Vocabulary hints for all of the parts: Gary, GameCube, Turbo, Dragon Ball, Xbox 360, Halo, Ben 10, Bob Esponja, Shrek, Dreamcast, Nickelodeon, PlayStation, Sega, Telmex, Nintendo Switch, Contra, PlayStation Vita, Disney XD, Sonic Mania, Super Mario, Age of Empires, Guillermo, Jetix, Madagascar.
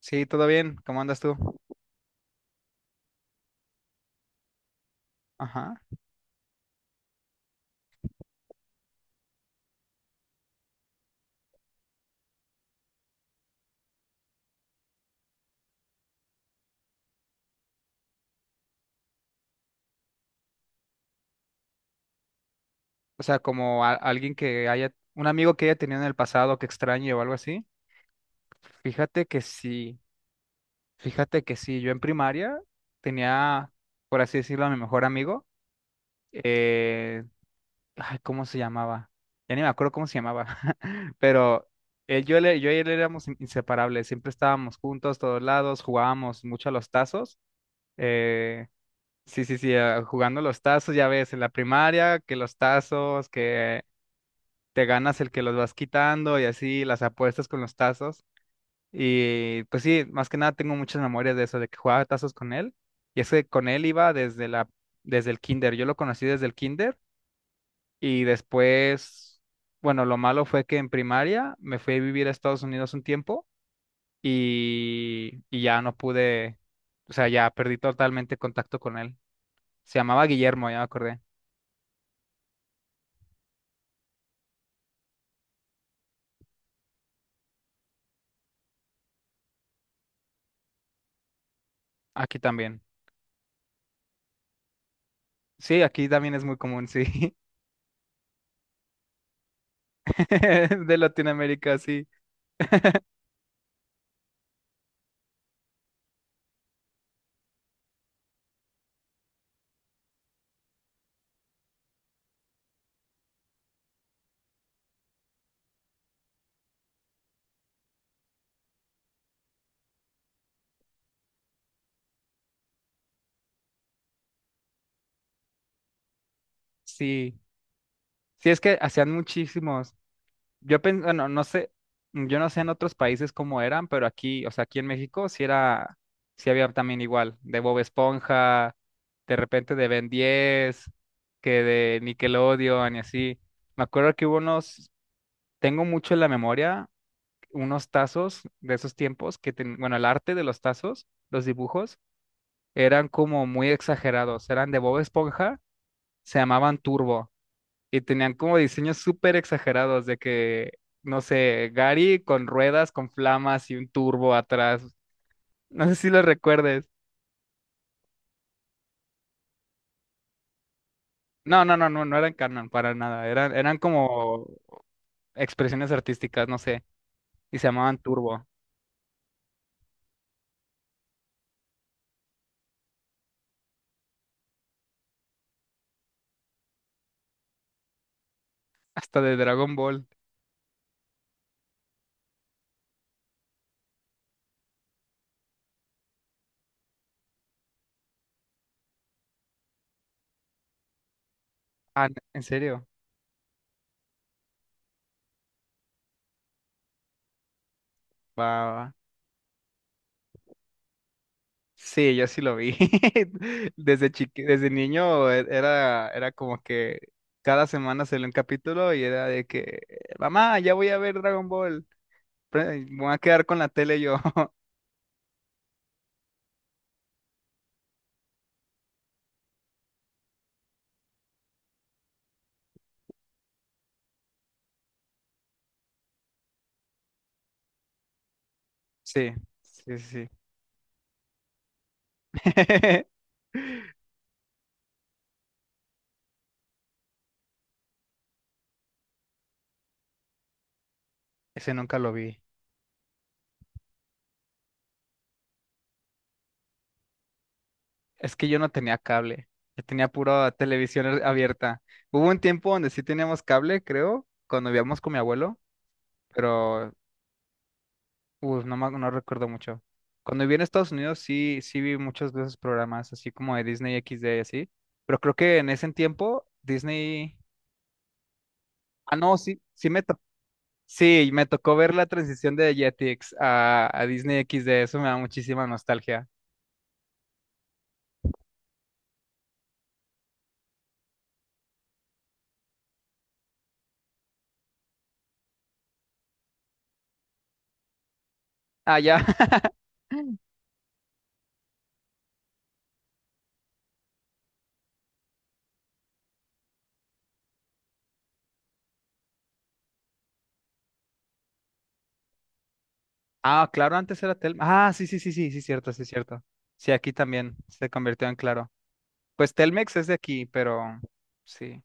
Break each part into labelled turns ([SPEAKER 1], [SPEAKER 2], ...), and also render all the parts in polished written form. [SPEAKER 1] Sí, todo bien. ¿Cómo andas tú? Ajá. O sea, como alguien que haya, un amigo que haya tenido en el pasado que extrañe o algo así. Fíjate que sí, fíjate que sí. Yo en primaria tenía, por así decirlo, a mi mejor amigo. Eh, ay, ¿cómo se llamaba? Ya ni me acuerdo cómo se llamaba. Pero él, yo y él éramos inseparables. Siempre estábamos juntos, todos lados, jugábamos mucho a los tazos. Eh, Sí, sí, sí, jugando los tazos, ya ves, en la primaria, que los tazos, que te ganas el que los vas quitando y así las apuestas con los tazos. Y pues sí, más que nada tengo muchas memorias de eso, de que jugaba tazos con él. Y es que con él iba desde el kinder. Yo lo conocí desde el kinder y después, bueno, lo malo fue que en primaria me fui a vivir a Estados Unidos un tiempo y ya no pude, o sea, ya perdí totalmente contacto con él. Se llamaba Guillermo, ya me acordé. Aquí también. Sí, aquí también es muy común, sí. De Latinoamérica, sí. Sí, sí es que hacían muchísimos. Bueno, no sé, yo no sé en otros países cómo eran, pero aquí, o sea, aquí en México sí era, sí había también igual, de Bob Esponja, de repente de Ben 10, que de Nickelodeon y así. Me acuerdo que hubo unos, tengo mucho en la memoria, unos tazos de esos tiempos que, bueno, el arte de los tazos, los dibujos, eran como muy exagerados, eran de Bob Esponja, se llamaban Turbo. Y tenían como diseños súper exagerados de que, no sé, Gary con ruedas, con flamas y un turbo atrás. No sé si lo recuerdes. No, no, no, no, no eran canon para nada. Eran como expresiones artísticas, no sé. Y se llamaban turbo. Hasta de Dragon Ball. Ah, ¿en serio? Va, va, va. Sí, yo sí lo vi. Desde chiqui, desde niño era como que cada semana salió un capítulo y era de que, mamá, ya voy a ver Dragon Ball. Voy a quedar con la tele yo. Sí, sí, sí. Ese nunca lo vi. Es que yo no tenía cable. Yo tenía pura televisión abierta. Hubo un tiempo donde sí teníamos cable, creo, cuando vivíamos con mi abuelo, pero no, no recuerdo mucho. Cuando viví en Estados Unidos sí, sí vi muchos de esos programas, así como de Disney XD y así. Pero creo que en ese tiempo Disney... Ah, no, sí, Sí, me tocó ver la transición de Jetix a Disney XD, eso me da muchísima nostalgia. Ah, ya. Ah, claro, antes era Telmex. Ah, sí, sí, sí, sí, sí, cierto, sí, cierto. Sí, aquí también se convirtió en claro. Pues Telmex es de aquí, pero sí.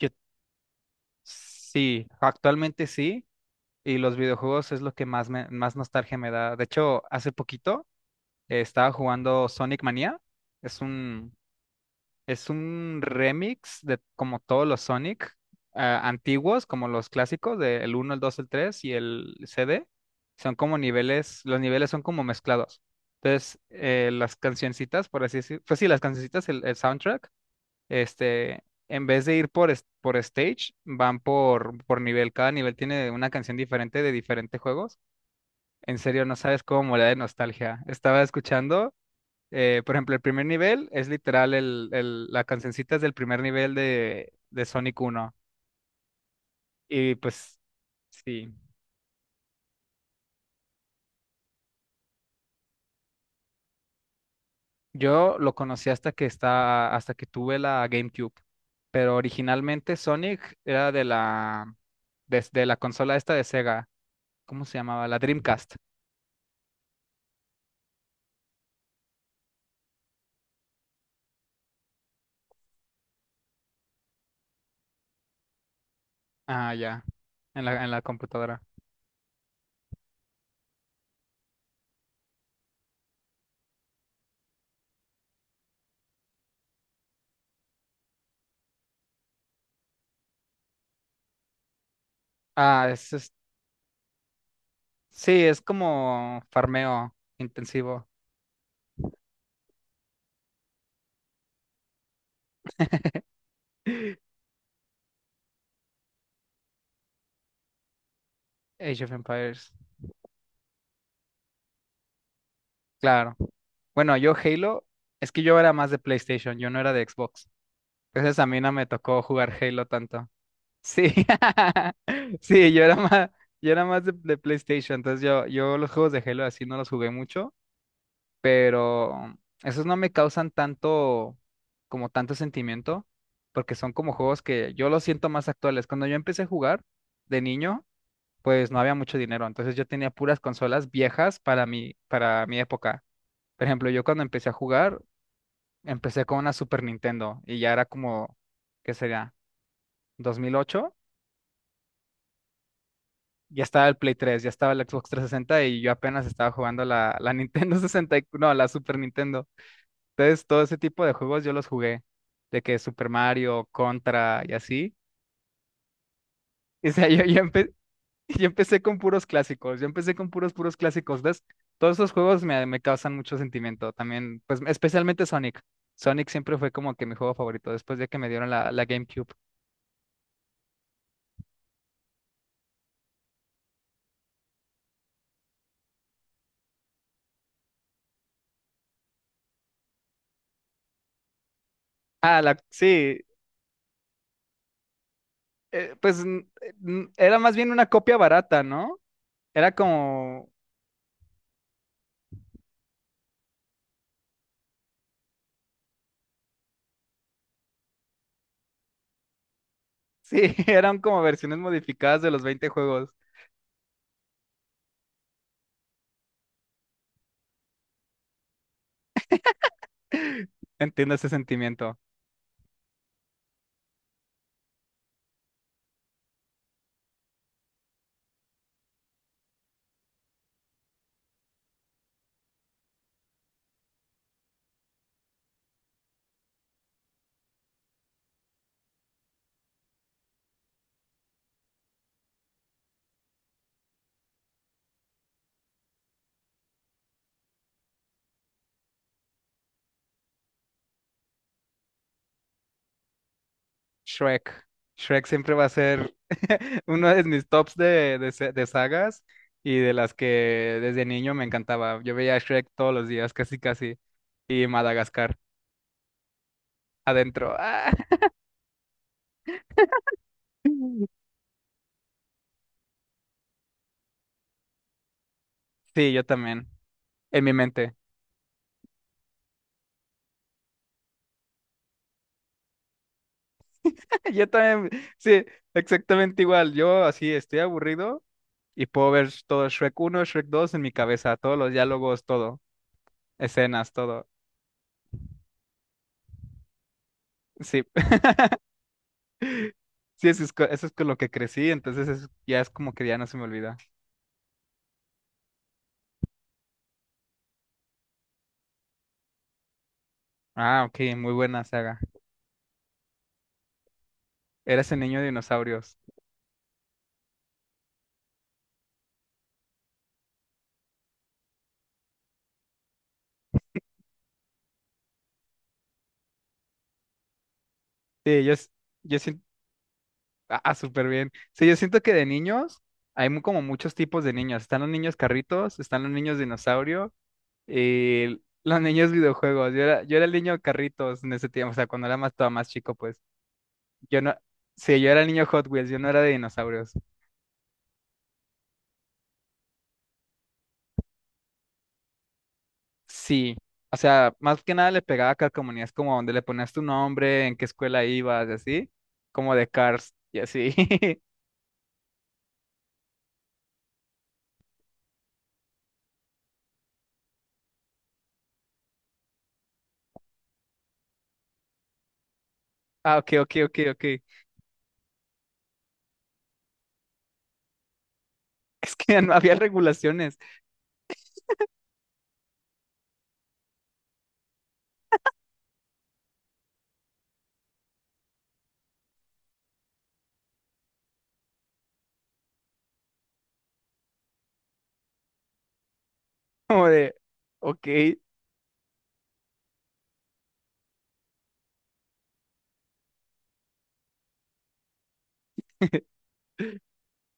[SPEAKER 1] Yo- sí, actualmente sí. Y los videojuegos es lo que más nostalgia me da. De hecho, hace poquito estaba jugando Sonic Mania. Es un Es un remix de como todos los Sonic antiguos, como los clásicos, del uno el 2 el 3 y el CD. Son como niveles, los niveles son como mezclados. Entonces, las cancioncitas, por así decir, pues sí, las cancioncitas, el soundtrack, este, en vez de ir por stage, van por nivel. Cada nivel tiene una canción diferente de diferentes juegos. En serio, no sabes cómo morir de nostalgia. Estaba escuchando. Por ejemplo, el primer nivel es literal la cancioncita es del primer nivel de Sonic 1. Y pues sí, yo lo conocí hasta que tuve la GameCube. Pero originalmente Sonic era desde la consola esta de Sega. ¿Cómo se llamaba? La Dreamcast. Ah, ya. En la computadora. Ah, sí, es como farmeo intensivo. Age of Empires. Claro. Bueno, yo Halo, es que yo era más de PlayStation, yo no era de Xbox. Entonces a mí no me tocó jugar Halo tanto. Sí, sí, yo era más de PlayStation, entonces yo los juegos de Halo así no los jugué mucho, pero esos no me causan tanto, como tanto sentimiento, porque son como juegos que yo los siento más actuales. Cuando yo empecé a jugar de niño, pues no había mucho dinero, entonces yo tenía puras consolas viejas para mi época. Por ejemplo, yo cuando empecé a jugar Empecé con una Super Nintendo y ya era como, ¿qué sería? 2008. Ya estaba el Play 3, ya estaba el Xbox 360 y yo apenas estaba jugando la Nintendo 60 y no, la Super Nintendo. Entonces, todo ese tipo de juegos yo los jugué, de que Super Mario, Contra y así. O sea, yo empecé con puros clásicos, yo empecé con puros clásicos, ¿ves? Todos esos juegos me causan mucho sentimiento también, pues especialmente Sonic. Sonic siempre fue como que mi juego favorito después de que me dieron la GameCube. Ah, la, sí, pues era más bien una copia barata, ¿no? Era como, sí, eran como versiones modificadas de los 20 juegos. Entiendo ese sentimiento. Shrek. Shrek siempre va a ser uno de mis tops de sagas y de las que desde niño me encantaba. Yo veía a Shrek todos los días, casi casi. Y Madagascar, adentro. ¡Ah! Sí, yo también, en mi mente. Yo también, sí, exactamente igual. Yo así estoy aburrido y puedo ver todo Shrek 1 Shrek 2 en mi cabeza, todos los diálogos, todo, escenas, todo. Sí, sí, eso es con lo que crecí, entonces ya es como que ya no se me olvida. Ah, ok, muy buena saga. Eras el niño de dinosaurios. Sí, yo siento, súper bien. Sí, yo siento que de niños hay como muchos tipos de niños. Están los niños carritos, están los niños dinosaurio y los niños videojuegos. Yo era el niño carritos en ese tiempo, o sea, cuando era más, todavía más chico, pues. Yo no, sí, yo era niño Hot Wheels, yo no era de dinosaurios. Sí, o sea, más que nada le pegaba a calcomanías como donde le ponías tu nombre, en qué escuela ibas, y así, como de Cars, y así. Ah, ok, ok, ok, ok. Es que no había regulaciones, como de, ok,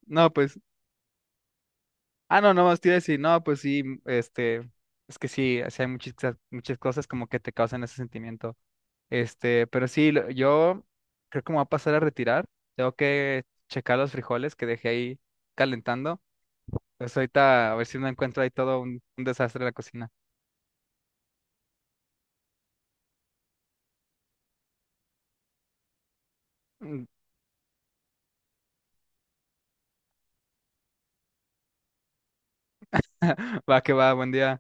[SPEAKER 1] no, pues, ah, no, no, más te iba a decir, no, pues sí, este, es que sí, o sea, hay muchas, muchas cosas como que te causan ese sentimiento. Este, pero sí, yo creo que me voy a pasar a retirar. Tengo que checar los frijoles que dejé ahí calentando. Pues ahorita a ver si no encuentro ahí todo un desastre en la cocina. Va que va, buen día.